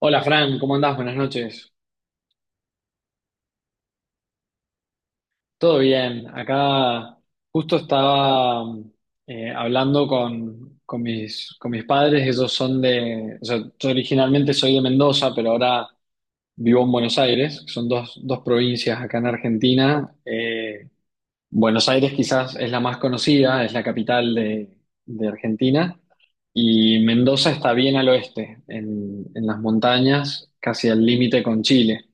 Hola Fran, ¿cómo andás? Buenas noches. ¿Todo bien? Acá justo estaba hablando con mis padres, ellos son de, o sea, yo originalmente soy de Mendoza, pero ahora vivo en Buenos Aires, que son dos provincias acá en Argentina. Buenos Aires quizás es la más conocida, es la capital de Argentina, y Mendoza está bien al oeste, en las montañas, casi al límite con Chile.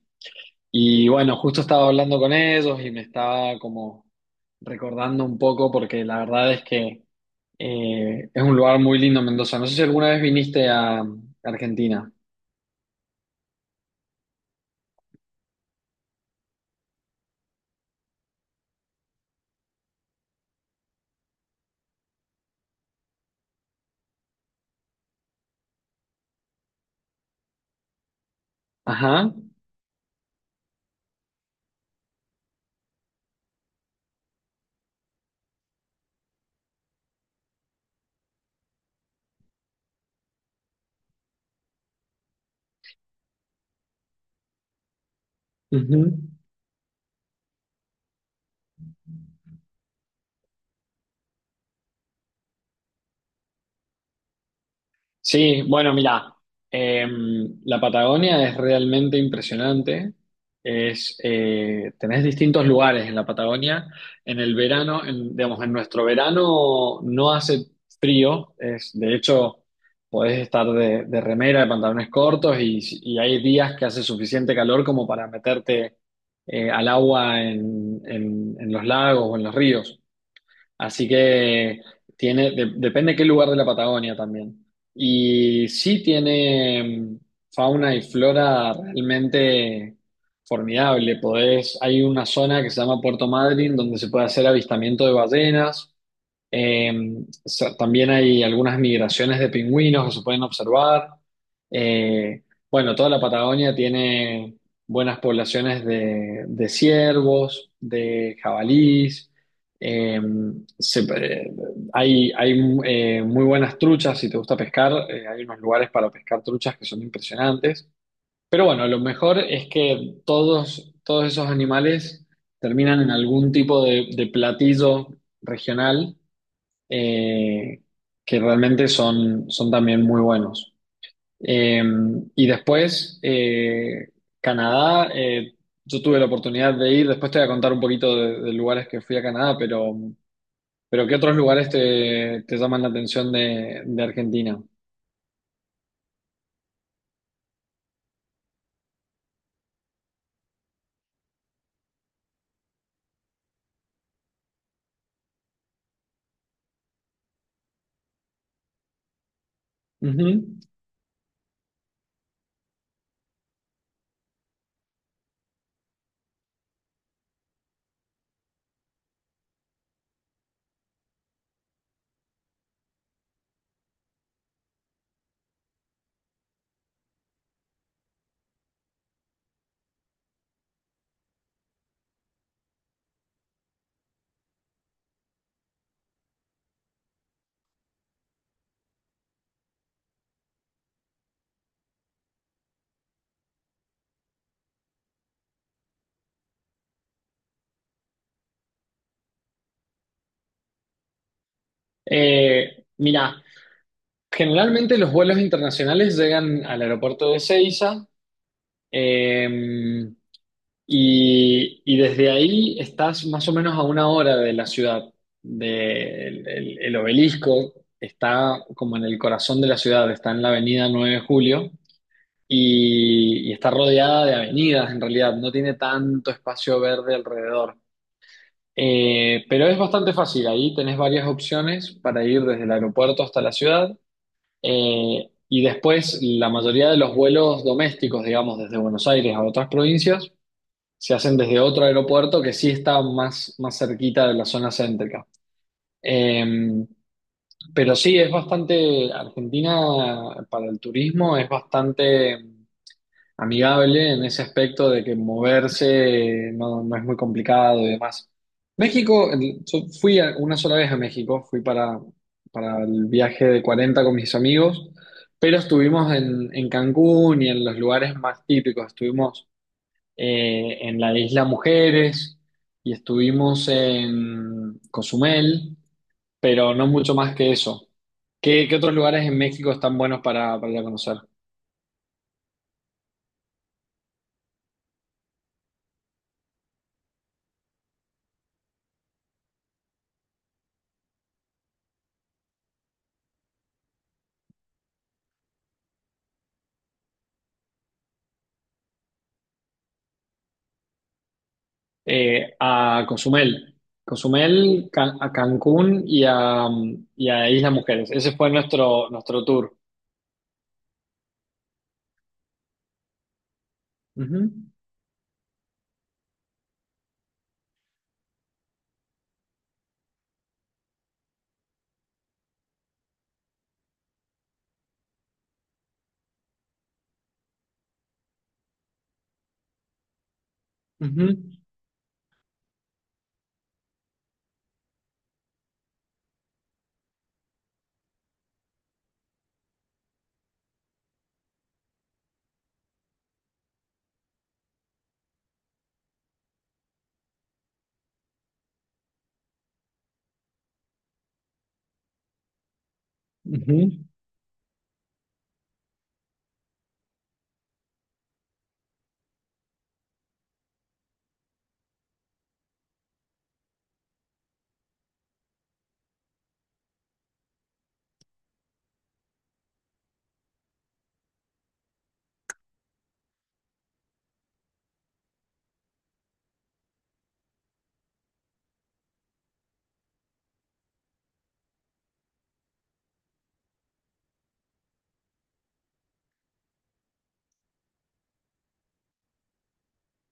Y bueno, justo estaba hablando con ellos y me estaba como recordando un poco porque la verdad es que es un lugar muy lindo Mendoza. No sé si alguna vez viniste a Argentina. Ajá. Ujú. Sí, bueno, mira, la Patagonia es realmente impresionante. Es, tenés distintos lugares en la Patagonia. En el verano, en, digamos, en nuestro verano no hace frío. Es, de hecho, podés estar de remera, de pantalones cortos y hay días que hace suficiente calor como para meterte al agua en los lagos o en los ríos. Así que tiene, depende de qué lugar de la Patagonia también. Y sí tiene fauna y flora realmente formidable. Podés, hay una zona que se llama Puerto Madryn donde se puede hacer avistamiento de ballenas. Eh, También hay algunas migraciones de pingüinos que se pueden observar. Eh, bueno, toda la Patagonia tiene buenas poblaciones de ciervos, de jabalís. Eh, se- eh, hay muy buenas truchas, si te gusta pescar, hay unos lugares para pescar truchas que son impresionantes. Pero bueno, lo mejor es que todos esos animales terminan en algún tipo de platillo regional eh, que realmente son, son también muy buenos. Eh, y después, Canadá, yo tuve la oportunidad de ir, después te voy a contar un poquito de lugares que fui a Canadá, pero ¿qué otros lugares te llaman la atención de Argentina? Ujú. Mira, generalmente los vuelos internacionales llegan al aeropuerto de Ezeiza. eh, y desde ahí estás más o menos a una hora de la ciudad. El obelisco está como en el corazón de la ciudad, está en la avenida 9 de Julio y está rodeada de avenidas en realidad, no tiene tanto espacio verde alrededor. Pero es bastante fácil, ahí tenés varias opciones para ir desde el aeropuerto hasta la ciudad. Y después la mayoría de los vuelos domésticos, digamos, desde Buenos Aires a otras provincias, se hacen desde otro aeropuerto que sí está más, más cerquita de la zona céntrica. Eh, pero sí, es bastante, Argentina para el turismo es bastante amigable en ese aspecto de que moverse no, no es muy complicado y demás. México, yo fui una sola vez a México, fui para el viaje de 40 con mis amigos, pero estuvimos en Cancún y en los lugares más típicos, estuvimos en la isla Mujeres y estuvimos en Cozumel, pero no mucho más que eso. ¿Qué, qué otros lugares en México están buenos para ir a conocer? Eh, a Cozumel, a Cancún y a Isla Mujeres. Ese fue nuestro, nuestro tour. Ujú, ujú, ujú,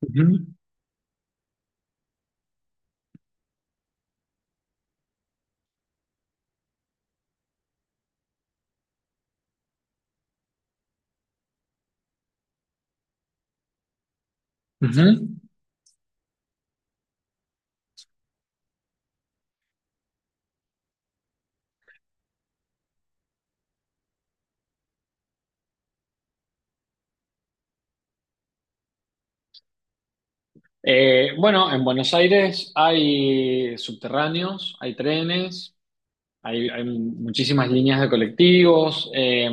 ujú, ujú. Bueno, en Buenos Aires hay subterráneos, hay trenes. Hay muchísimas líneas de colectivos.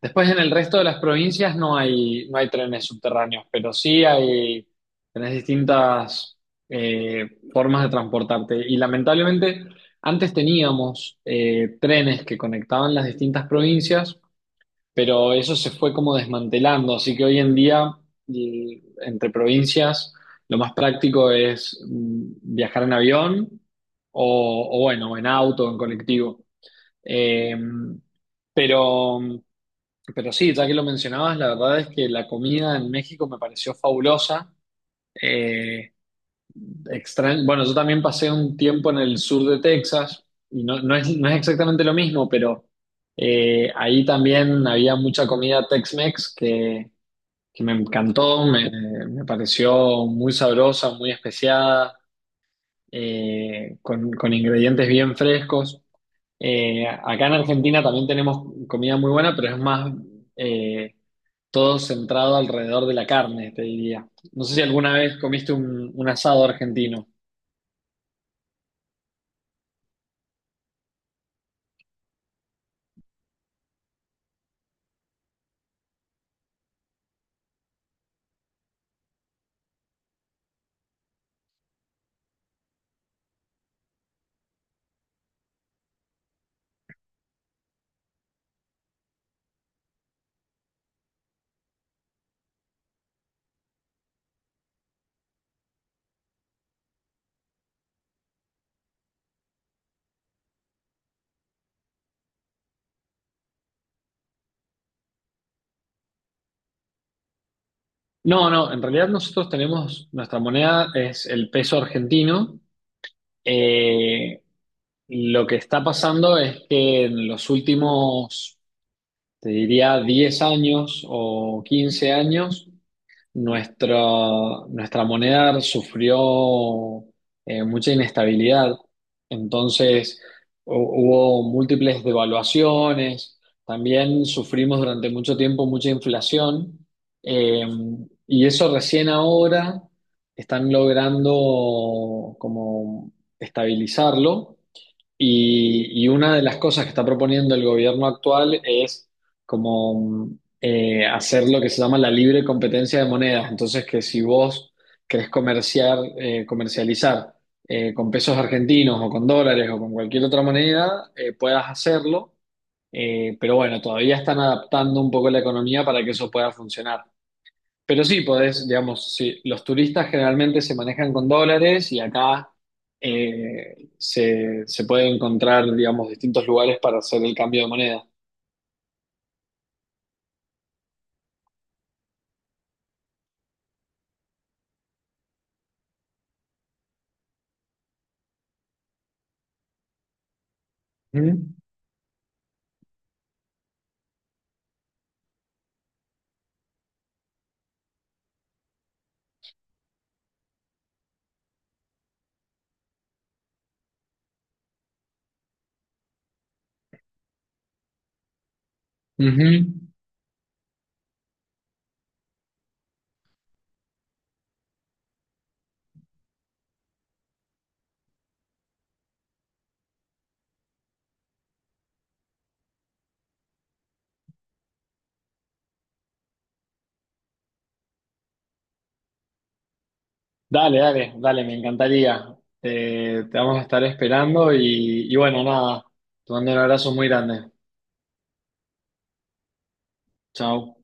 Después en el resto de las provincias no hay, no hay trenes subterráneos, pero sí hay, tenés distintas formas de transportarte. Y lamentablemente antes teníamos trenes que conectaban las distintas provincias, pero eso se fue como desmantelando. Así que hoy en día y entre provincias lo más práctico es viajar en avión o bueno, en auto, en colectivo. Eh, pero, pero sí, ya que lo mencionabas, la verdad es que la comida en México me pareció fabulosa. Eh, bueno, yo también pasé un tiempo en el sur de Texas y no, no es, no es exactamente lo mismo, pero ahí también había mucha comida Tex-Mex que me encantó, me pareció muy sabrosa, muy especiada, con ingredientes bien frescos. Acá en Argentina también tenemos comida muy buena, pero es más eh, todo centrado alrededor de la carne, te diría. No sé si alguna vez comiste un asado argentino. No, no, en realidad nosotros tenemos, nuestra moneda es el peso argentino. Eh, lo que está pasando es que en los últimos, te diría, 10 años o 15 años, nuestra moneda sufrió mucha inestabilidad, entonces hubo múltiples devaluaciones, también sufrimos durante mucho tiempo mucha inflación, eh, y eso recién ahora están logrando como estabilizarlo y una de las cosas que está proponiendo el gobierno actual es como hacer lo que se llama la libre competencia de monedas. Entonces, que si vos querés comerciar, comercializar con pesos argentinos o con dólares o con cualquier otra moneda, puedas hacerlo. Pero bueno, todavía están adaptando un poco la economía para que eso pueda funcionar. Pero sí, podés, digamos, sí, los turistas generalmente se manejan con dólares y acá se puede encontrar, digamos, distintos lugares para hacer el cambio de moneda. Ujú, ujú. Dale, dale, dale, me encantaría. Te vamos a estar esperando y bueno, nada, te mando un abrazo muy grande. Chao.